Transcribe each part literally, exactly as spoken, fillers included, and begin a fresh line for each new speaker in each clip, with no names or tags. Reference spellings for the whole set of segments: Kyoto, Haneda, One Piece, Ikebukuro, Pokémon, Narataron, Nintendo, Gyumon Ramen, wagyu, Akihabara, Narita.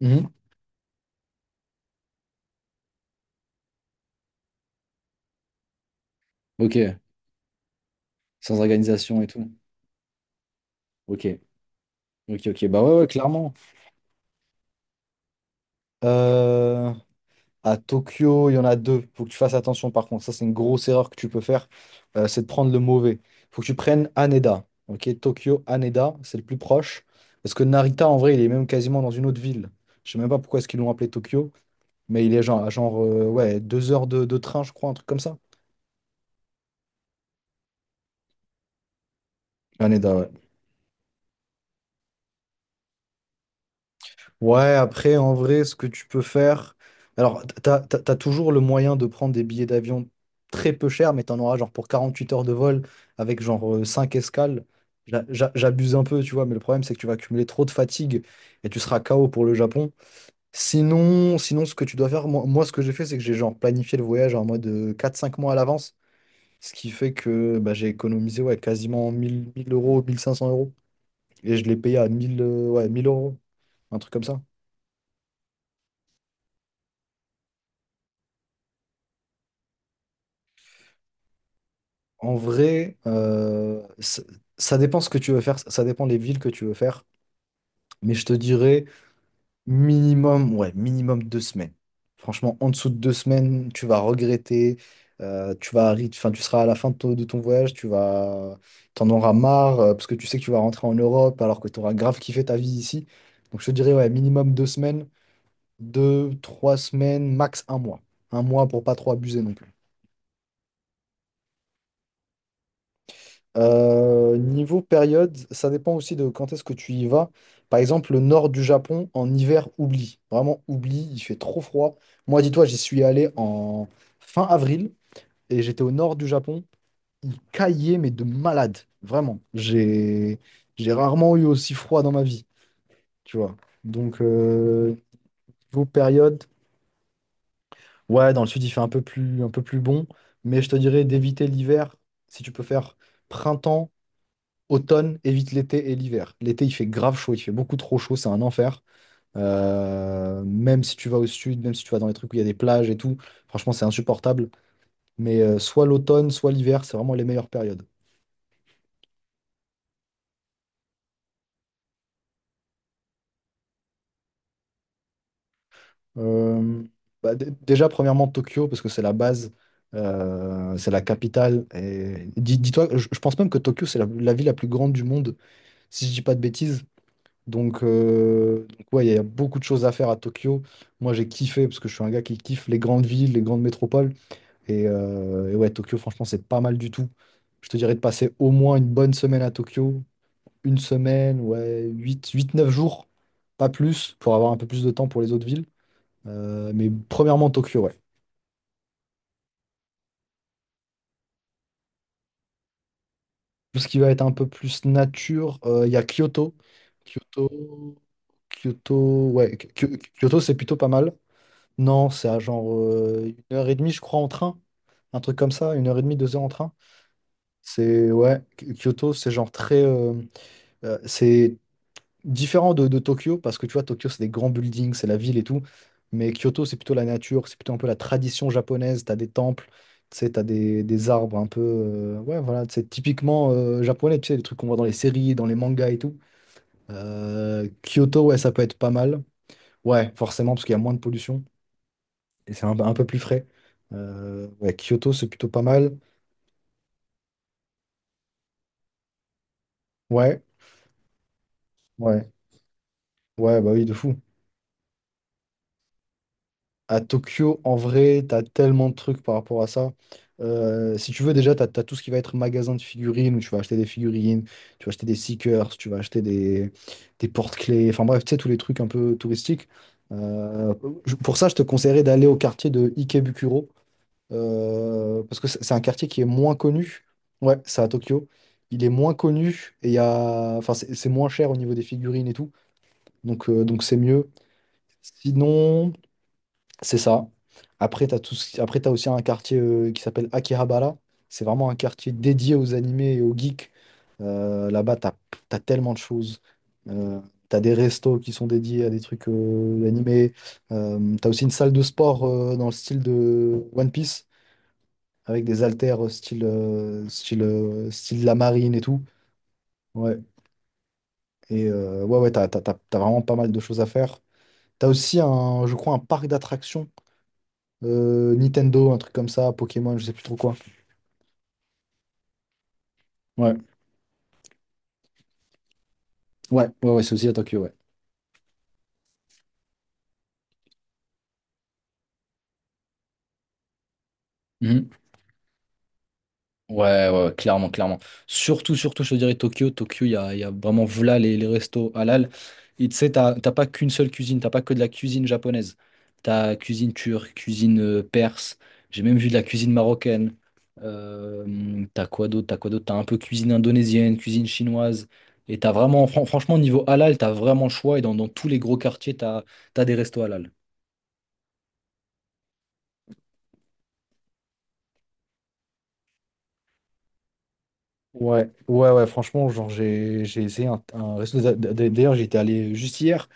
Mhm. Ok, sans organisation et tout. Ok, ok, ok. Bah ouais, ouais, clairement. Euh, à Tokyo, il y en a deux. Faut que tu fasses attention par contre. Ça, c'est une grosse erreur que tu peux faire. Euh, c'est de prendre le mauvais. Faut que tu prennes Haneda. Ok, Tokyo, Haneda, c'est le plus proche. Parce que Narita, en vrai, il est même quasiment dans une autre ville. Je sais même pas pourquoi est-ce qu'ils l'ont appelé Tokyo, mais il est genre, genre euh, ouais, deux heures de, de train, je crois, un truc comme ça. Haneda, ouais. Ouais, après, en vrai, ce que tu peux faire. Alors, t'as, t'as- t'as toujours le moyen de prendre des billets d'avion très peu chers, mais t'en auras genre pour quarante-huit heures de vol avec genre euh, cinq escales. J'a- j'a- J'abuse un peu, tu vois, mais le problème, c'est que tu vas accumuler trop de fatigue et tu seras K O pour le Japon. Sinon, sinon ce que tu dois faire, moi, moi, ce que j'ai fait, c'est que j'ai genre planifié le voyage en mode euh, quatre cinq mois à l'avance, ce qui fait que bah, j'ai économisé ouais, quasiment mille mille euros, mille cinq cents euros, et je l'ai payé à mille euh, ouais, mille euros, un truc comme ça. En vrai, euh, ça, ça dépend ce que tu veux faire, ça dépend les villes que tu veux faire, mais je te dirais minimum, ouais, minimum deux semaines. Franchement, en dessous de deux semaines, tu vas regretter, euh, tu vas, arri- enfin, tu seras à la fin de ton, de ton voyage, tu vas, t'en auras marre, euh, parce que tu sais que tu vas rentrer en Europe alors que tu auras grave kiffé ta vie ici. Donc je te dirais, ouais, minimum deux semaines, deux, trois semaines, max un mois. Un mois pour pas trop abuser non plus. Euh, niveau période, ça dépend aussi de quand est-ce que tu y vas. Par exemple, le nord du Japon, en hiver, oublie. Vraiment, oublie, il fait trop froid. Moi, dis-toi, j'y suis allé en fin avril et j'étais au nord du Japon. Il caillait, mais de malade. Vraiment. J'ai j'ai rarement eu aussi froid dans ma vie, tu vois. Donc, euh, niveau période, ouais, dans le sud, il fait un peu plus, un peu plus bon. Mais je te dirais d'éviter l'hiver si tu peux faire printemps, automne. Évite l'été et l'hiver. L'été, il fait grave chaud, il fait beaucoup trop chaud, c'est un enfer. Euh, même si tu vas au sud, même si tu vas dans les trucs où il y a des plages et tout, franchement, c'est insupportable. Mais euh, soit l'automne, soit l'hiver, c'est vraiment les meilleures périodes. Euh, bah, dé- Déjà, premièrement, Tokyo, parce que c'est la base, euh, c'est la capitale. Et dis- dis-toi, je, je pense même que Tokyo, c'est la, la ville la plus grande du monde, si je dis pas de bêtises. Donc, euh, donc ouais, il y a beaucoup de choses à faire à Tokyo. Moi, j'ai kiffé parce que je suis un gars qui kiffe les grandes villes, les grandes métropoles. Et, euh, et ouais, Tokyo, franchement, c'est pas mal du tout. Je te dirais de passer au moins une bonne semaine à Tokyo. Une semaine, ouais, huit, huit, neuf jours, pas plus, pour avoir un peu plus de temps pour les autres villes. Euh, mais premièrement, Tokyo, ouais. Tout ce qui va être un peu plus nature, euh, il y a Kyoto. Kyoto, Kyoto, ouais, Ky- Kyoto, c'est plutôt pas mal. Non, c'est à genre euh, une heure et demie, je crois, en train. Un truc comme ça, une heure et demie, deux heures en train. C'est, ouais, Ky- Kyoto, c'est genre très. Euh, euh, c'est différent de, de Tokyo, parce que tu vois, Tokyo, c'est des grands buildings, c'est la ville et tout. Mais Kyoto, c'est plutôt la nature, c'est plutôt un peu la tradition japonaise. T'as des temples, tu sais, t'as des, des arbres un peu. Euh, ouais, voilà, c'est typiquement euh, japonais, tu sais, les trucs qu'on voit dans les séries, dans les mangas et tout. Euh, Kyoto, ouais, ça peut être pas mal. Ouais, forcément, parce qu'il y a moins de pollution. Et c'est un, un peu plus frais. Euh, ouais, Kyoto, c'est plutôt pas mal. Ouais, ouais, ouais, bah oui, de fou. À Tokyo, en vrai, t'as tellement de trucs par rapport à ça. Euh, si tu veux, déjà, t'as, t'as tout ce qui va être magasin de figurines, où tu vas acheter des figurines, tu vas acheter des seekers, tu vas acheter des, des porte-clés, enfin bref, tu sais, tous les trucs un peu touristiques. Euh, je- pour ça, je te conseillerais d'aller au quartier de Ikebukuro. Euh, parce que c'est c'est un quartier qui est moins connu. Ouais, c'est à Tokyo. Il est moins connu et il y a, enfin, c'est c'est moins cher au niveau des figurines et tout. Donc euh, donc c'est mieux. Sinon, c'est ça. Après, t'as tout... ce qui- après, t'as aussi un quartier euh, qui s'appelle Akihabara. C'est vraiment un quartier dédié aux animés et aux geeks. Euh, là-bas, t'as t'as tellement de choses. Euh, T'as des restos qui sont dédiés à des trucs euh, animés. Euh, t'as aussi une salle de sport euh, dans le style de One Piece avec des haltères euh, style, euh, style, euh, style de la marine et tout. Ouais. Et euh, ouais, ouais, t'as, t'as- t'as- t'as vraiment pas mal de choses à faire. T'as aussi un, je crois, un parc d'attractions euh, Nintendo, un truc comme ça, Pokémon, je sais plus trop quoi. Ouais, ouais, ouais, ouais, c'est aussi à Tokyo, ouais. Mhm. Ouais, ouais, ouais, clairement, clairement. Surtout, surtout, je te dirais Tokyo. Tokyo, il y a, il y a vraiment voilà les, les restos halal. Et tu sais, t'as t'as pas qu'une seule cuisine, t'as pas que de la cuisine japonaise. T'as cuisine turque, cuisine euh, perse. J'ai même vu de la cuisine marocaine. Euh, t'as quoi d'autre? T'as quoi d'autre? T'as un peu cuisine indonésienne, cuisine chinoise. Et t'as vraiment, fran- franchement, niveau halal, t'as vraiment le choix. Et dans, dans tous les gros quartiers, t'as, t'as des restos halal. Ouais, ouais, ouais, franchement, genre, j'ai, j'ai essayé un, un resto. d'a- d'a- D'ailleurs, j'étais allé juste hier.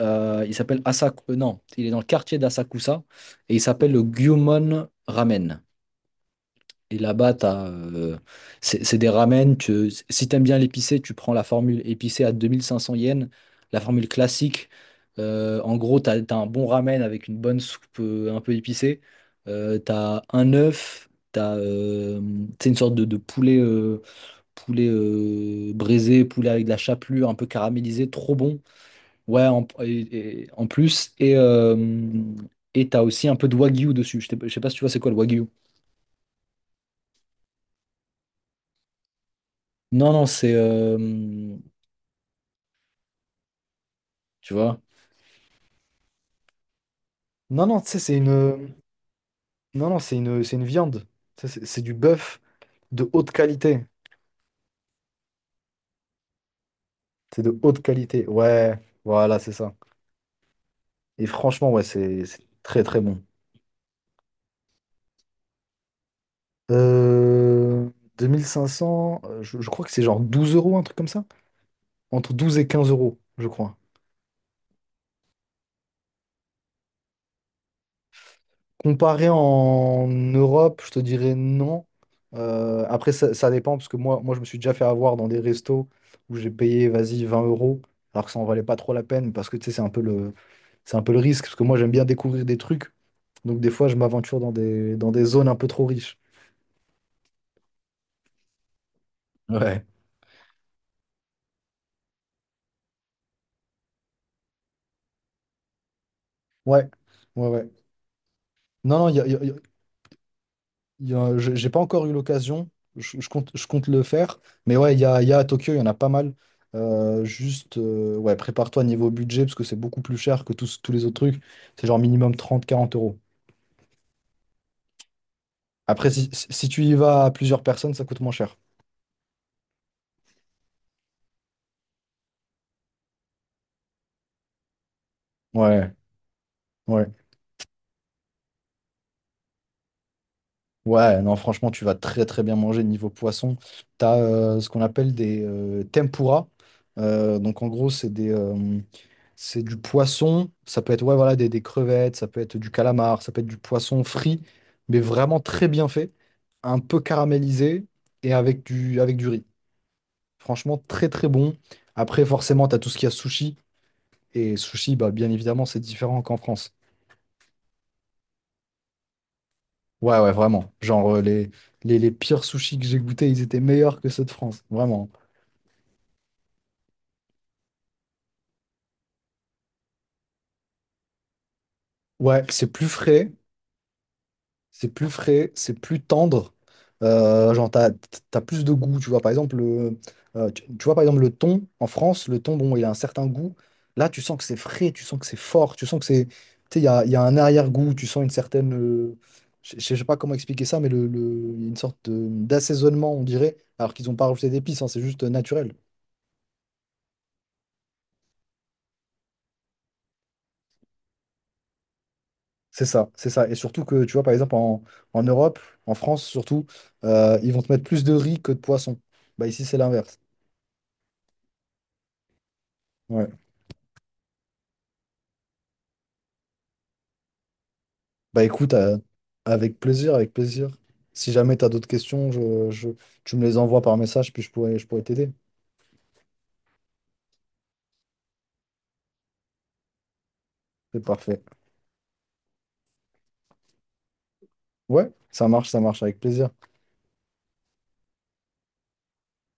Euh, il s'appelle Asak. Euh, Non, il est dans le quartier d'Asakusa et il s'appelle le Gyumon Ramen. Et là-bas, t'as, euh, c'est c'est des ramen. Tu, si t'aimes bien l'épicé, tu prends la formule épicée à deux mille cinq cents yens, la formule classique. Euh, en gros, t'as, t'as un bon ramen avec une bonne soupe euh, un peu épicée. Euh, t'as un œuf, t'as, euh, c'est une sorte de, de poulet, euh, poulet euh, braisé, poulet avec de la chapelure un peu caramélisée, trop bon. Ouais, en, et- et- en plus. Et euh, et t'as aussi un peu de wagyu dessus. Je, t'ai- je sais pas si tu vois c'est quoi le wagyu. Non, non, c'est. Euh, tu vois? Non, non, tu sais, c'est une. Non, non, c'est une... c'est une viande. Tu sais, C'est c'est du bœuf de haute qualité. C'est de haute qualité. Ouais, voilà, c'est ça. Et franchement, ouais, c'est c'est très, très bon. Euh, deux mille cinq cents, euh, je, je crois que c'est genre douze euros, un truc comme ça. Entre douze et quinze euros, je crois. Comparé en Europe, je te dirais non. Euh, après, ça, ça dépend, parce que moi, moi, je me suis déjà fait avoir dans des restos où j'ai payé, vas-y, vingt euros, alors que ça en valait pas trop la peine, parce que tu sais, c'est un peu le, c'est un peu le risque, parce que moi, j'aime bien découvrir des trucs. Donc, des fois, je m'aventure dans des, dans des zones un peu trop riches. Ouais. Ouais, ouais, ouais. Non, non, il y a, y a- Il y a- je- j'ai pas encore eu l'occasion, je, je compte, je compte le faire. Mais ouais, il y a, il y a à Tokyo, il y en a pas mal. Euh, juste, euh, ouais, prépare-toi niveau budget, parce que c'est beaucoup plus cher que tous, tous les autres trucs. C'est genre minimum trente-quarante euros. Après, si, si si tu y vas à plusieurs personnes, ça coûte moins cher. Ouais, ouais. Ouais, non, franchement, tu vas très très bien manger niveau poisson. Tu as ce qu'on appelle des euh, tempura. Euh, donc en gros, c'est des, euh, c'est du poisson. Ça peut être ouais, voilà, des, des crevettes, ça peut être du calamar, ça peut être du poisson frit, mais vraiment très bien fait, un peu caramélisé et avec du, avec du riz. Franchement, très très bon. Après, forcément, tu as tout ce qu'il y a sushi. Et sushi, bah, bien évidemment, c'est différent qu'en France. Ouais, ouais, vraiment. Genre, euh, les, les, les pires sushis que j'ai goûtés, ils étaient meilleurs que ceux de France. Vraiment. Ouais, c'est plus frais, c'est plus frais, c'est plus tendre. Euh, genre, t'as, t'as plus de goût, tu vois. Par exemple, le, euh, tu, tu vois, par exemple, le thon, en France, le thon, bon, il a un certain goût. Là, tu sens que c'est frais, tu sens que c'est fort, tu sens que c'est. Tu sais, il y a, il y a un arrière-goût, tu sens une certaine... euh, je je sais pas comment expliquer ça, mais le, le- il y a une sorte de- d'assaisonnement, on dirait, alors qu'ils n'ont pas rajouté d'épices, hein, c'est juste euh, naturel. C'est ça, c'est ça. Et surtout que, tu vois, par exemple, en, en Europe, en France surtout, euh, ils vont te mettre plus de riz que de poisson. Bah ici, c'est l'inverse. Ouais. Bah écoute, euh, avec plaisir, avec plaisir. Si jamais tu as d'autres questions, je, je- tu me les envoies par message, puis je pourrais, je pourrais t'aider. C'est parfait. Ouais, ça marche, ça marche, avec plaisir.